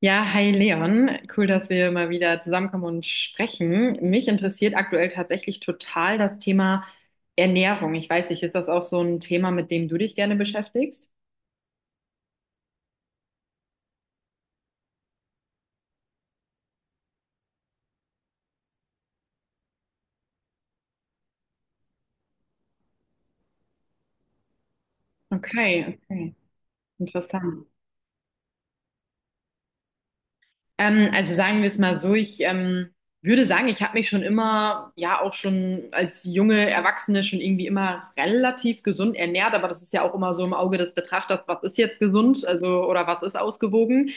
Ja, hi Leon. Cool, dass wir mal wieder zusammenkommen und sprechen. Mich interessiert aktuell tatsächlich total das Thema Ernährung. Ich weiß nicht, ist das auch so ein Thema, mit dem du dich gerne beschäftigst? Okay, okay. Interessant. Also sagen wir es mal so, ich würde sagen, ich habe mich schon immer, ja auch schon als junge Erwachsene schon irgendwie immer relativ gesund ernährt, aber das ist ja auch immer so im Auge des Betrachters, was ist jetzt gesund, also oder was ist ausgewogen.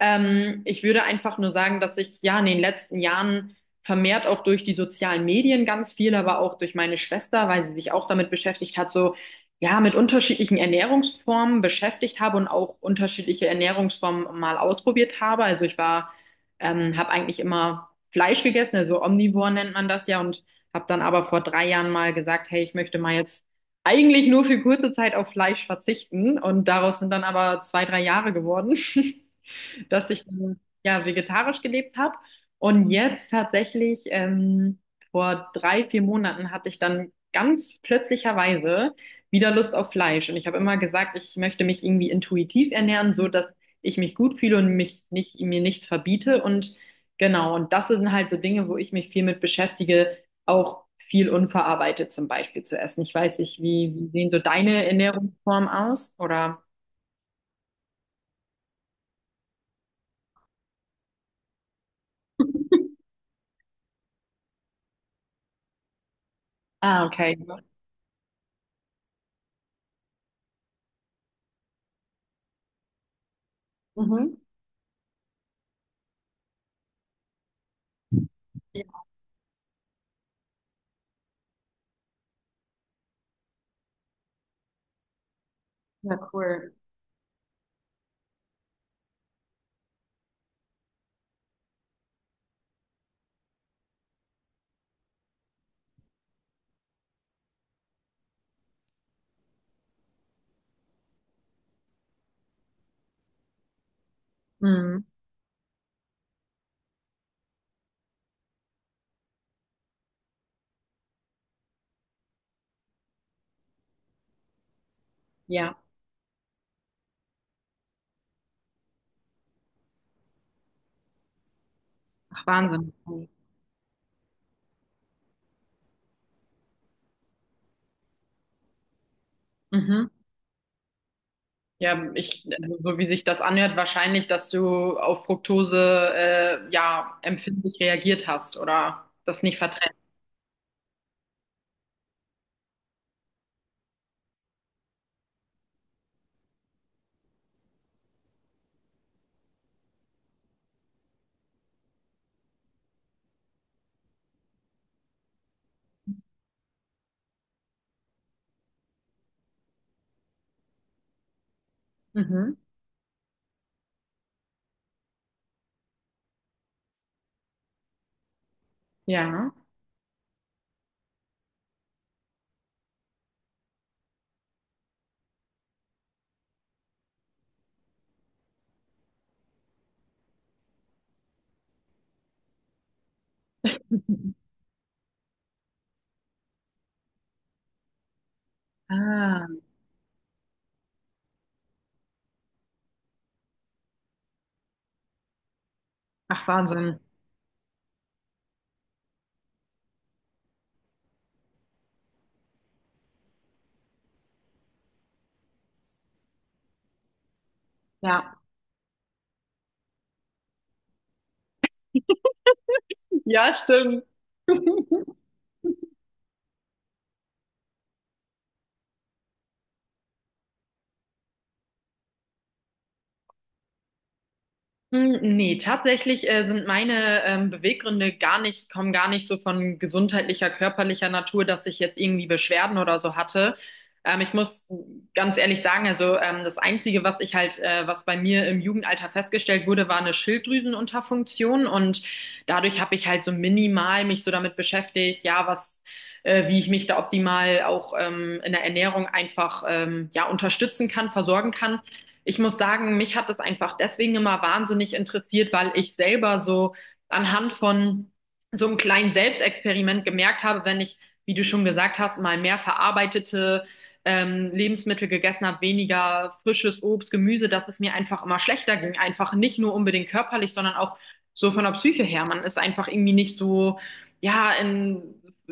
Ich würde einfach nur sagen, dass ich ja in den letzten Jahren vermehrt auch durch die sozialen Medien ganz viel, aber auch durch meine Schwester, weil sie sich auch damit beschäftigt hat, so ja, mit unterschiedlichen Ernährungsformen beschäftigt habe und auch unterschiedliche Ernährungsformen mal ausprobiert habe. Also ich war, habe eigentlich immer Fleisch gegessen, also omnivor nennt man das ja, und habe dann aber vor drei Jahren mal gesagt, hey, ich möchte mal jetzt eigentlich nur für kurze Zeit auf Fleisch verzichten. Und daraus sind dann aber zwei, drei Jahre geworden. dass ich Ja, vegetarisch gelebt habe. Und jetzt tatsächlich, vor drei, vier Monaten hatte ich dann ganz plötzlicherweise wieder Lust auf Fleisch. Und ich habe immer gesagt, ich möchte mich irgendwie intuitiv ernähren, so dass ich mich gut fühle und mich nicht, mir nichts verbiete. Und genau, und das sind halt so Dinge, wo ich mich viel mit beschäftige, auch viel unverarbeitet zum Beispiel zu essen. Ich weiß nicht, wie, wie sehen so deine Ernährungsformen aus? Oder? Ah, okay. Mhm. Ja, cool. Mhm. Ja, ach Wahnsinn. Mhm. Ja, ich, also so wie sich das anhört, wahrscheinlich, dass du auf Fructose ja empfindlich reagiert hast oder das nicht verträgst. Mhm. Ja. Ah, ach Wahnsinn. Ja. Ja, stimmt. Hm, nee, tatsächlich sind meine Beweggründe gar nicht, kommen gar nicht so von gesundheitlicher, körperlicher Natur, dass ich jetzt irgendwie Beschwerden oder so hatte. Ich muss ganz ehrlich sagen, also das Einzige, was ich halt, was bei mir im Jugendalter festgestellt wurde, war eine Schilddrüsenunterfunktion, und dadurch habe ich halt so minimal mich so damit beschäftigt, ja, was, wie ich mich da optimal auch in der Ernährung einfach ja unterstützen kann, versorgen kann. Ich muss sagen, mich hat das einfach deswegen immer wahnsinnig interessiert, weil ich selber so anhand von so einem kleinen Selbstexperiment gemerkt habe, wenn ich, wie du schon gesagt hast, mal mehr verarbeitete Lebensmittel gegessen habe, weniger frisches Obst, Gemüse, dass es mir einfach immer schlechter ging. Einfach nicht nur unbedingt körperlich, sondern auch so von der Psyche her. Man ist einfach irgendwie nicht so, ja, in,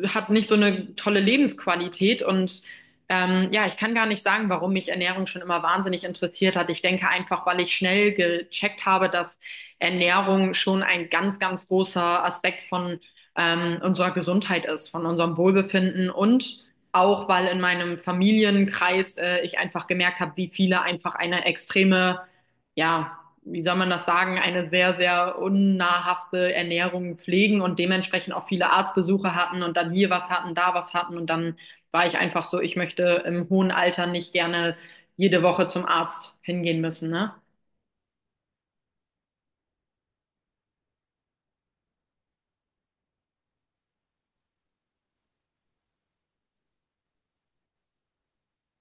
hat nicht so eine tolle Lebensqualität. Und ja, ich kann gar nicht sagen, warum mich Ernährung schon immer wahnsinnig interessiert hat. Ich denke einfach, weil ich schnell gecheckt habe, dass Ernährung schon ein ganz, ganz großer Aspekt von unserer Gesundheit ist, von unserem Wohlbefinden, und auch, weil in meinem Familienkreis ich einfach gemerkt habe, wie viele einfach eine extreme, ja, wie soll man das sagen, eine sehr, sehr unnahrhafte Ernährung pflegen und dementsprechend auch viele Arztbesuche hatten und dann hier was hatten, da was hatten, und dann war ich einfach so, ich möchte im hohen Alter nicht gerne jede Woche zum Arzt hingehen müssen, ne?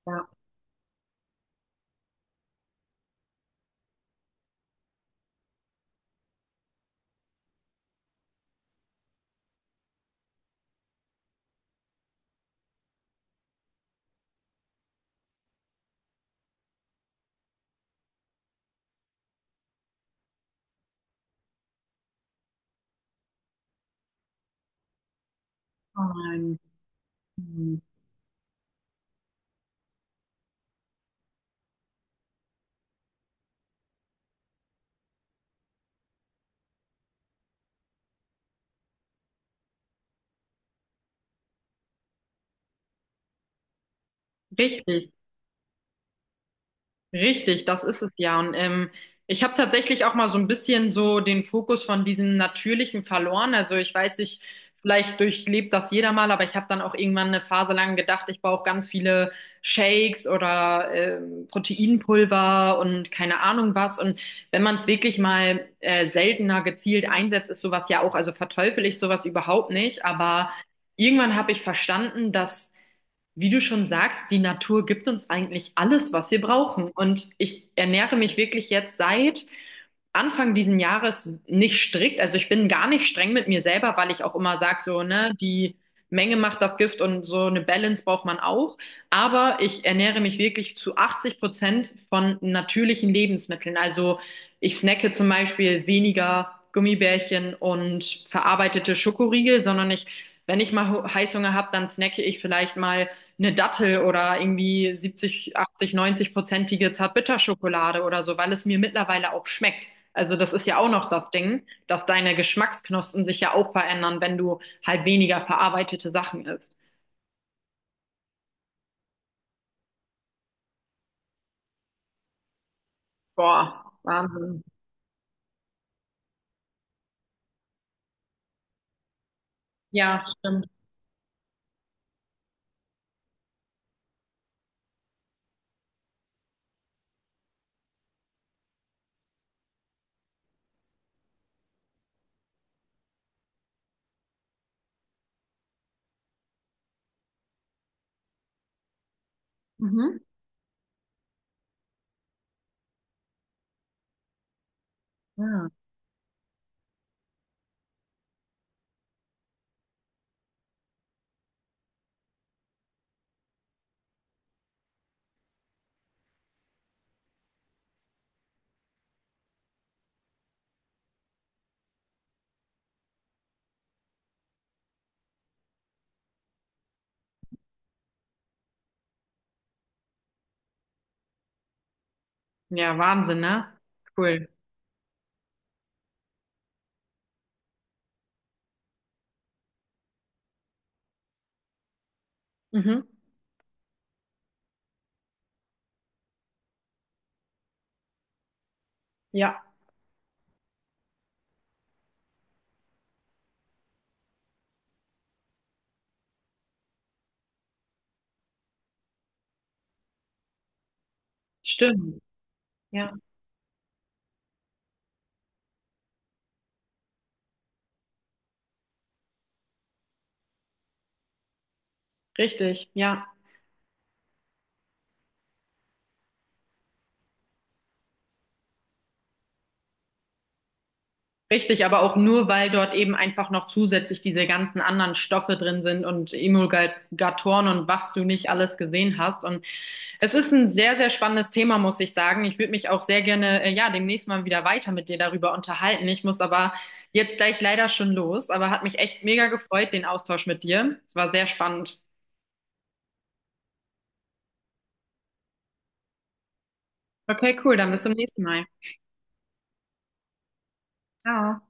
Ja, oh nein. Hm. Richtig. Richtig, das ist es ja. Und ich habe tatsächlich auch mal so ein bisschen so den Fokus von diesem Natürlichen verloren. Also ich weiß nicht, vielleicht durchlebt das jeder mal, aber ich habe dann auch irgendwann eine Phase lang gedacht, ich brauche ganz viele Shakes oder Proteinpulver und keine Ahnung was. Und wenn man es wirklich mal seltener gezielt einsetzt, ist sowas ja auch, also verteufel ich sowas überhaupt nicht, aber irgendwann habe ich verstanden, dass, wie du schon sagst, die Natur gibt uns eigentlich alles, was wir brauchen. Und ich ernähre mich wirklich jetzt seit Anfang diesen Jahres nicht strikt. Also ich bin gar nicht streng mit mir selber, weil ich auch immer sage, so, ne, die Menge macht das Gift, und so eine Balance braucht man auch. Aber ich ernähre mich wirklich zu 80% von natürlichen Lebensmitteln. Also ich snacke zum Beispiel weniger Gummibärchen und verarbeitete Schokoriegel, sondern ich, wenn ich mal Heißhunger habe, dann snacke ich vielleicht mal eine Dattel oder irgendwie 70, 80, 90-prozentige Zartbitterschokolade oder so, weil es mir mittlerweile auch schmeckt. Also das ist ja auch noch das Ding, dass deine Geschmacksknospen sich ja auch verändern, wenn du halt weniger verarbeitete Sachen isst. Boah, Wahnsinn. Ja, stimmt. Mhm. Ja. Ja, Wahnsinn, ne? Cool. Mhm. Ja, stimmt. Ja, richtig. Ja, richtig. Aber auch nur, weil dort eben einfach noch zusätzlich diese ganzen anderen Stoffe drin sind und Emulgatoren und was du nicht alles gesehen hast. Und es ist ein sehr, sehr spannendes Thema, muss ich sagen. Ich würde mich auch sehr gerne, ja, demnächst mal wieder weiter mit dir darüber unterhalten. Ich muss aber jetzt gleich leider schon los, aber hat mich echt mega gefreut, den Austausch mit dir. Es war sehr spannend. Okay, cool, dann bis zum nächsten Mal. Ciao.